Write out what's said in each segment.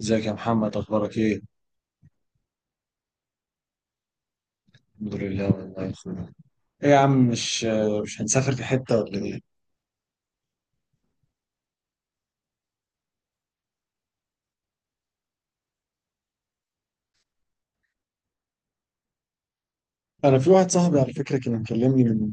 ازيك يا محمد، اخبارك ايه؟ الحمد لله والله يا اخويا. ايه يا عم، مش هنسافر في حته ولا ايه؟ انا في واحد صاحبي على فكره كان مكلمني من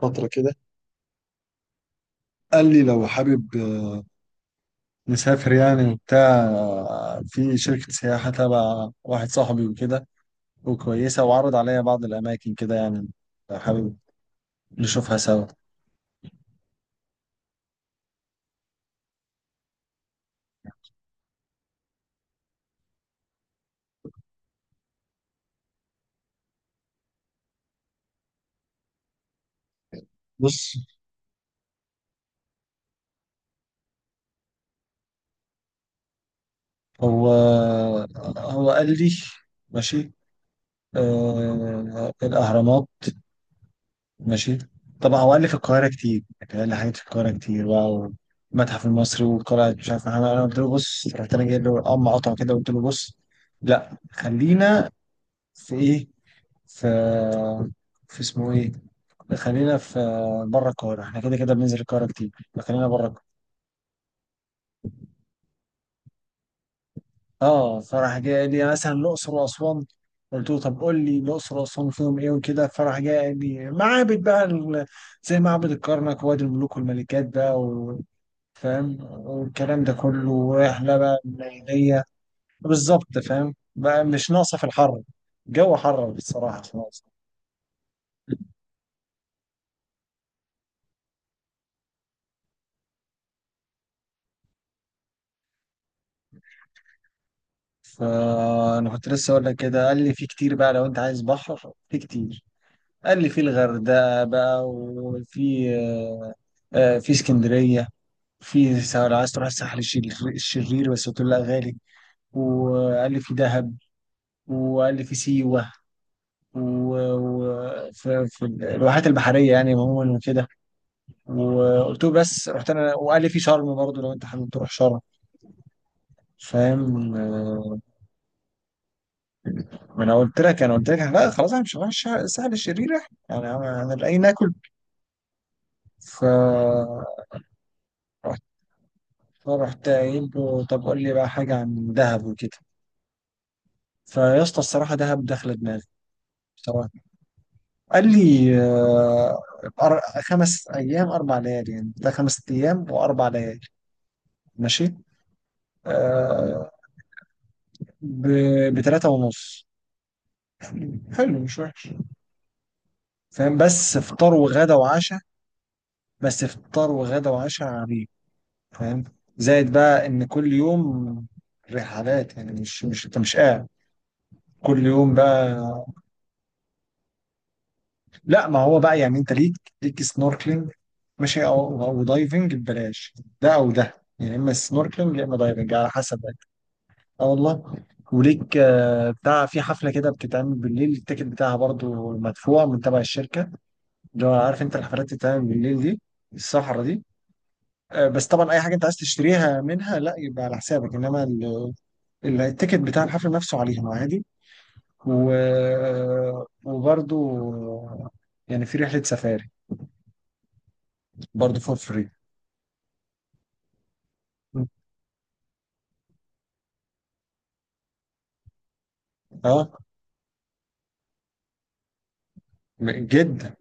فتره كده، قال لي لو حابب نسافر يعني وبتاع، في شركه سياحه تبع واحد صاحبي وكده وكويسه، وعرض عليا بعض الاماكن كده يعني لو حابب نشوفها سوا. بص، هو هو قال لي ماشي، الأهرامات، ماشي. طبعا هو قال لي في القاهرة كتير، يعني قال لي حاجات في القاهرة كتير بقى، والمتحف المصري والقلعة مش عارف. أنا قلت له بص، رحت أنا جايب له قطعة كده، قلت له بص، لا خلينا في إيه، في في اسمه إيه، خلينا في بره القاهرة. احنا كده كده بننزل القاهرة كتير، فخلينا بره القاهرة. اه، فراح جاي قال لي مثلا الأقصر وأسوان، قلت له طب قول لي الأقصر وأسوان فيهم إيه وكده، فراح جاي قال لي معابد بقى، زي معبد الكرنك ووادي الملوك والملكات بقى، فاهم؟ والكلام ده كله، واحنا بقى الليلية بالظبط، فاهم بقى مش ناقصة في الحر، الجو حر بصراحة مش ناقصة. فأنا كنت لسه أقول لك كده، قال لي في كتير بقى، لو أنت عايز بحر في كتير. قال لي في الغردقة بقى، وفي في اسكندرية، لو عايز تروح الساحل الشرير، بس قلت له لا غالي. وقال لي في دهب، وقال لي في سيوة وفي الواحات البحرية يعني عموما وكده. وقلت له بس رحت انا وقال لي في شرم برضه لو انت حابب تروح شرم، فاهم؟ ما انا قلت لك، لا خلاص انا مش هروح الساحل الشرير. احنا يعني انا لاقي ناكل فرحت. فرحت قايل له طب قول لي بقى حاجه عن دهب وكده. فيا اسطى الصراحه دهب داخله دماغي. بصراحه قال لي، خمس ايام اربع ليالي، يعني ده خمس ايام واربع ليالي، ماشي. آه، بتلاته ونص، حلو مش وحش، فاهم؟ بس فطار وغدا وعشاء. بس فطار وغدا وعشاء عبيد، فاهم؟ زائد بقى ان كل يوم رحلات، يعني مش انت مش قاعد، كل يوم بقى. لا ما هو بقى يعني انت ليك، ليك سنوركلينج ماشي، او دايفنج ببلاش. ده او ده يعني، يا اما سنوركلينج يا اما دايفنج على حسب بقى. اه والله. وليك بتاع في حفله كده بتتعمل بالليل، التيكت بتاعها برضو مدفوع من تبع الشركه، اللي هو عارف انت الحفلات اللي بتتعمل بالليل دي، الصحراء دي. بس طبعا اي حاجه انت عايز تشتريها منها لا، يبقى على حسابك. انما التيكت بتاع الحفل نفسه عليهم عادي. و... وبرضو يعني في رحله سفاري برضو فور فري. اه جدا.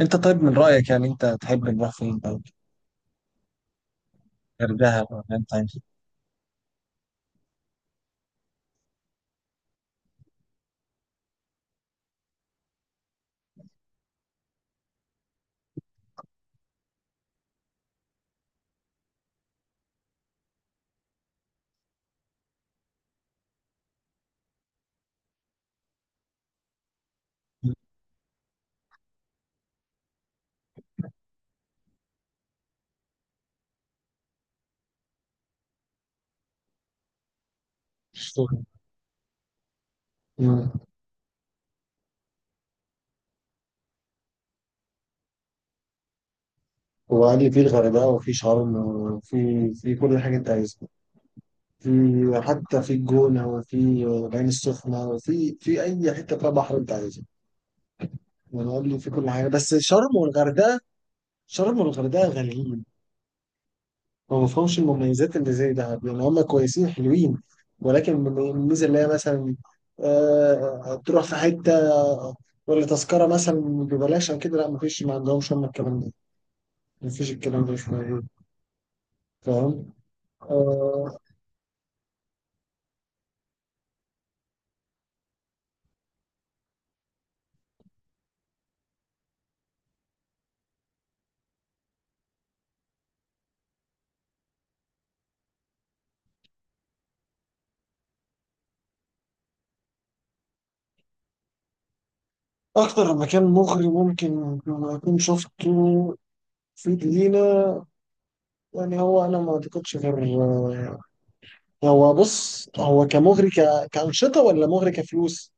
انت طيب من رايك، يعني انت تحب نروح فين طيب؟ الغردقه ولا انت عايز شرم. مم. وعلي في الغردقة وفي شرم وفي في كل حاجة أنت عايزها، في حتى في الجونة وفي العين السخنة، وفي أي حتة فيها بحر أنت عايزها. ونقول له في كل حاجه بس شرم والغردقه. شرم والغردقه غاليين، ما بفهمش المميزات اللي زي دهب، يعني هم كويسين حلوين، ولكن الميزه اللي هي مثلا تروح في حته ولا تذكره مثلا ببلاش او كده لا مفيش، ما عندهمش هم الكلام ده. مفيش، الكلام ده مش موجود، فاهم؟ آه، اكتر مكان مغري ممكن اكون شفته في جنينه، يعني هو انا ما اعتقدش غير هو بص، هو كمغري كأنشطة ولا مغري كفلوس؟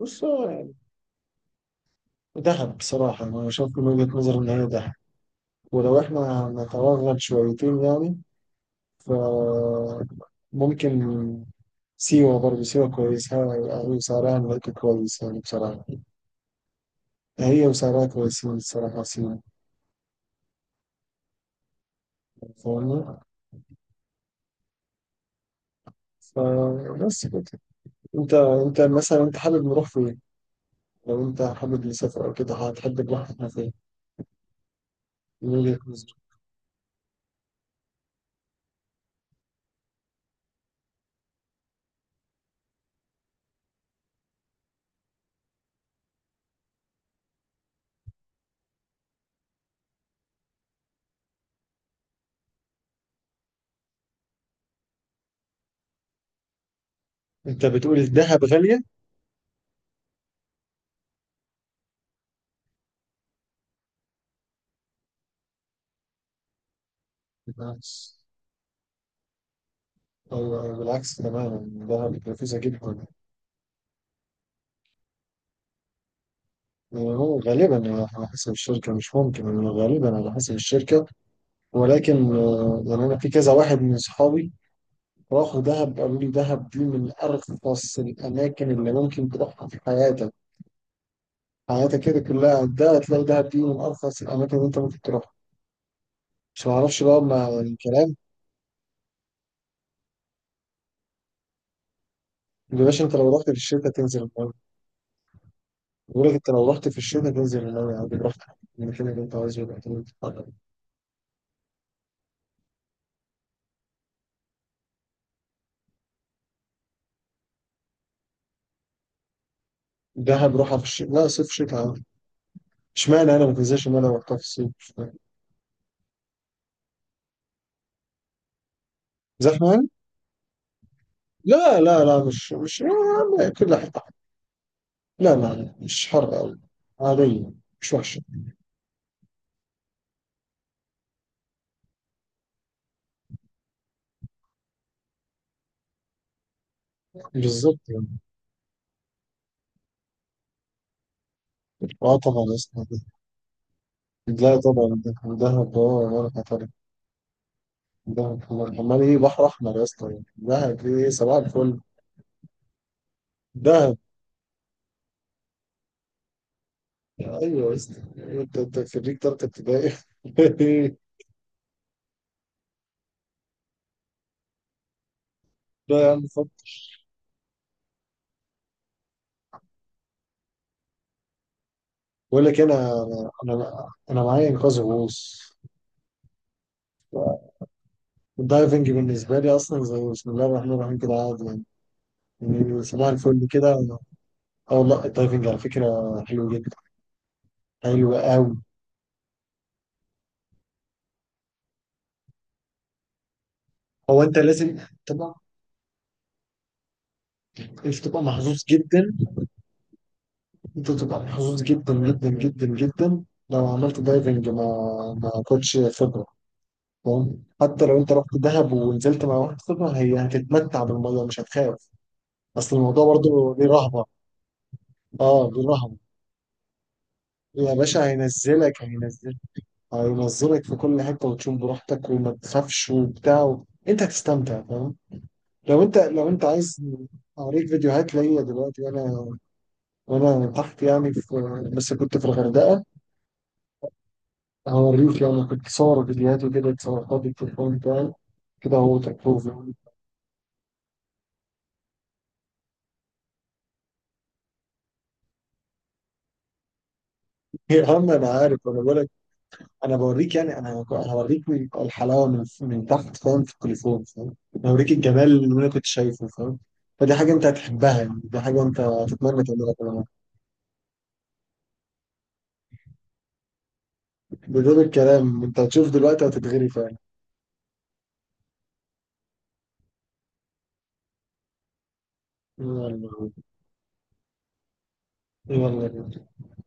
بص هو يعني ذهب، بصراحة أنا شايف من وجهة نظري إن هي ذهب، ولو إحنا نتوغل شويتين يعني، ف ممكن سيوة برضه، سيوة كويسة وسعرها هناك كويس، يعني بصراحة هي وسعرها كويسين الصراحة سيوة، فاهمني؟ فبس كده. أنت مثلا أنت حابب نروح فين؟ لو أنت حابب نسافر أو كده هتحب نروح إحنا فين، من وجهة نظرك؟ أنت بتقول الذهب غالية. بالعكس، أو بالعكس تماما، دهب رخيصة جدا. يعني هو غالبا على حسب الشركة، مش ممكن يعني غالبا على حسب الشركة، ولكن يعني أنا في كذا واحد من صحابي راحوا دهب قالوا لي دهب دي من أرخص الأماكن اللي ممكن تروحها في حياتك. حياتك كده كلها ده هتلاقي دهب دي من أرخص الأماكن اللي أنت ممكن تروحها، مش معرفش بقى مع الكلام. يا باشا أنت لو رحت في الشركة تنزل المية، بيقول لك أنت لو رحت في الشركة تنزل المية عادي، رحت المكان اللي أنت عايزه يبقى تنزل. دهب روحها في الشتاء، لا صيف شتاء عادي. اشمعنى انا، ما تنساش ان انا رحتها في الصيف، مش فاهم. زحمه يعني؟ لا، مش يا عم كل حته حر. لا، مش حر قوي، عاديه، مش وحشه، بالظبط يعني. اه طبعا يا اسطى. لا طبعا، دهب اه، ولا طبعا، دهب حمار ايه، بحر احمر يا اسطى يعني. دهب ايه، صباح الفل. دهب ايوه يا اسطى، انت خريج تالتة ابتدائي. لا يا عم فك. بقول لك إيه، انا معايا انقاذ غوص. الدايفنج بالنسبة لي أصلا زي بسم الله الرحمن الرحيم كده عادي يعني، يعني صباح الفل كده. أه والله الدايفنج على فكرة حلو جدا، حلو أوي. هو أنت لازم تبقى، مش تبقى محظوظ جدا. أنت تبقى محظوظ جدا جدا لو عملت دايفنج مع كوتش خبرة، فاهم؟ حتى لو أنت رحت دهب ونزلت مع واحد خبرة، هي هتتمتع بالمية مش هتخاف، أصل الموضوع برضه ليه رهبة. أه ليه رهبة. يا باشا هينزلك، هينزلك في كل حته، وتشوف براحتك وما تخافش وبتاع، انت هتستمتع، فاهم؟ لو انت عايز اوريك فيديوهات ليا دلوقتي، وانا تحت يعني، بس كنت في الغردقه، هوريك. يعني كنت صور فيديوهات وكده، اتصورتها بالتليفون بتاعي كده، هو تكفوز. يا عم انا عارف، انا بقول لك انا بوريك، يعني انا هوريك الحلاوه من تحت فاهم، في التليفون فاهم، هوريك الجمال اللي انا كنت شايفه، فاهم؟ فدي حاجه انت هتحبها، يعني دي حاجه انت هتتمنى تعملها. بدون الكلام انت هتشوف دلوقتي هتتغري فعلا. يلا يلا.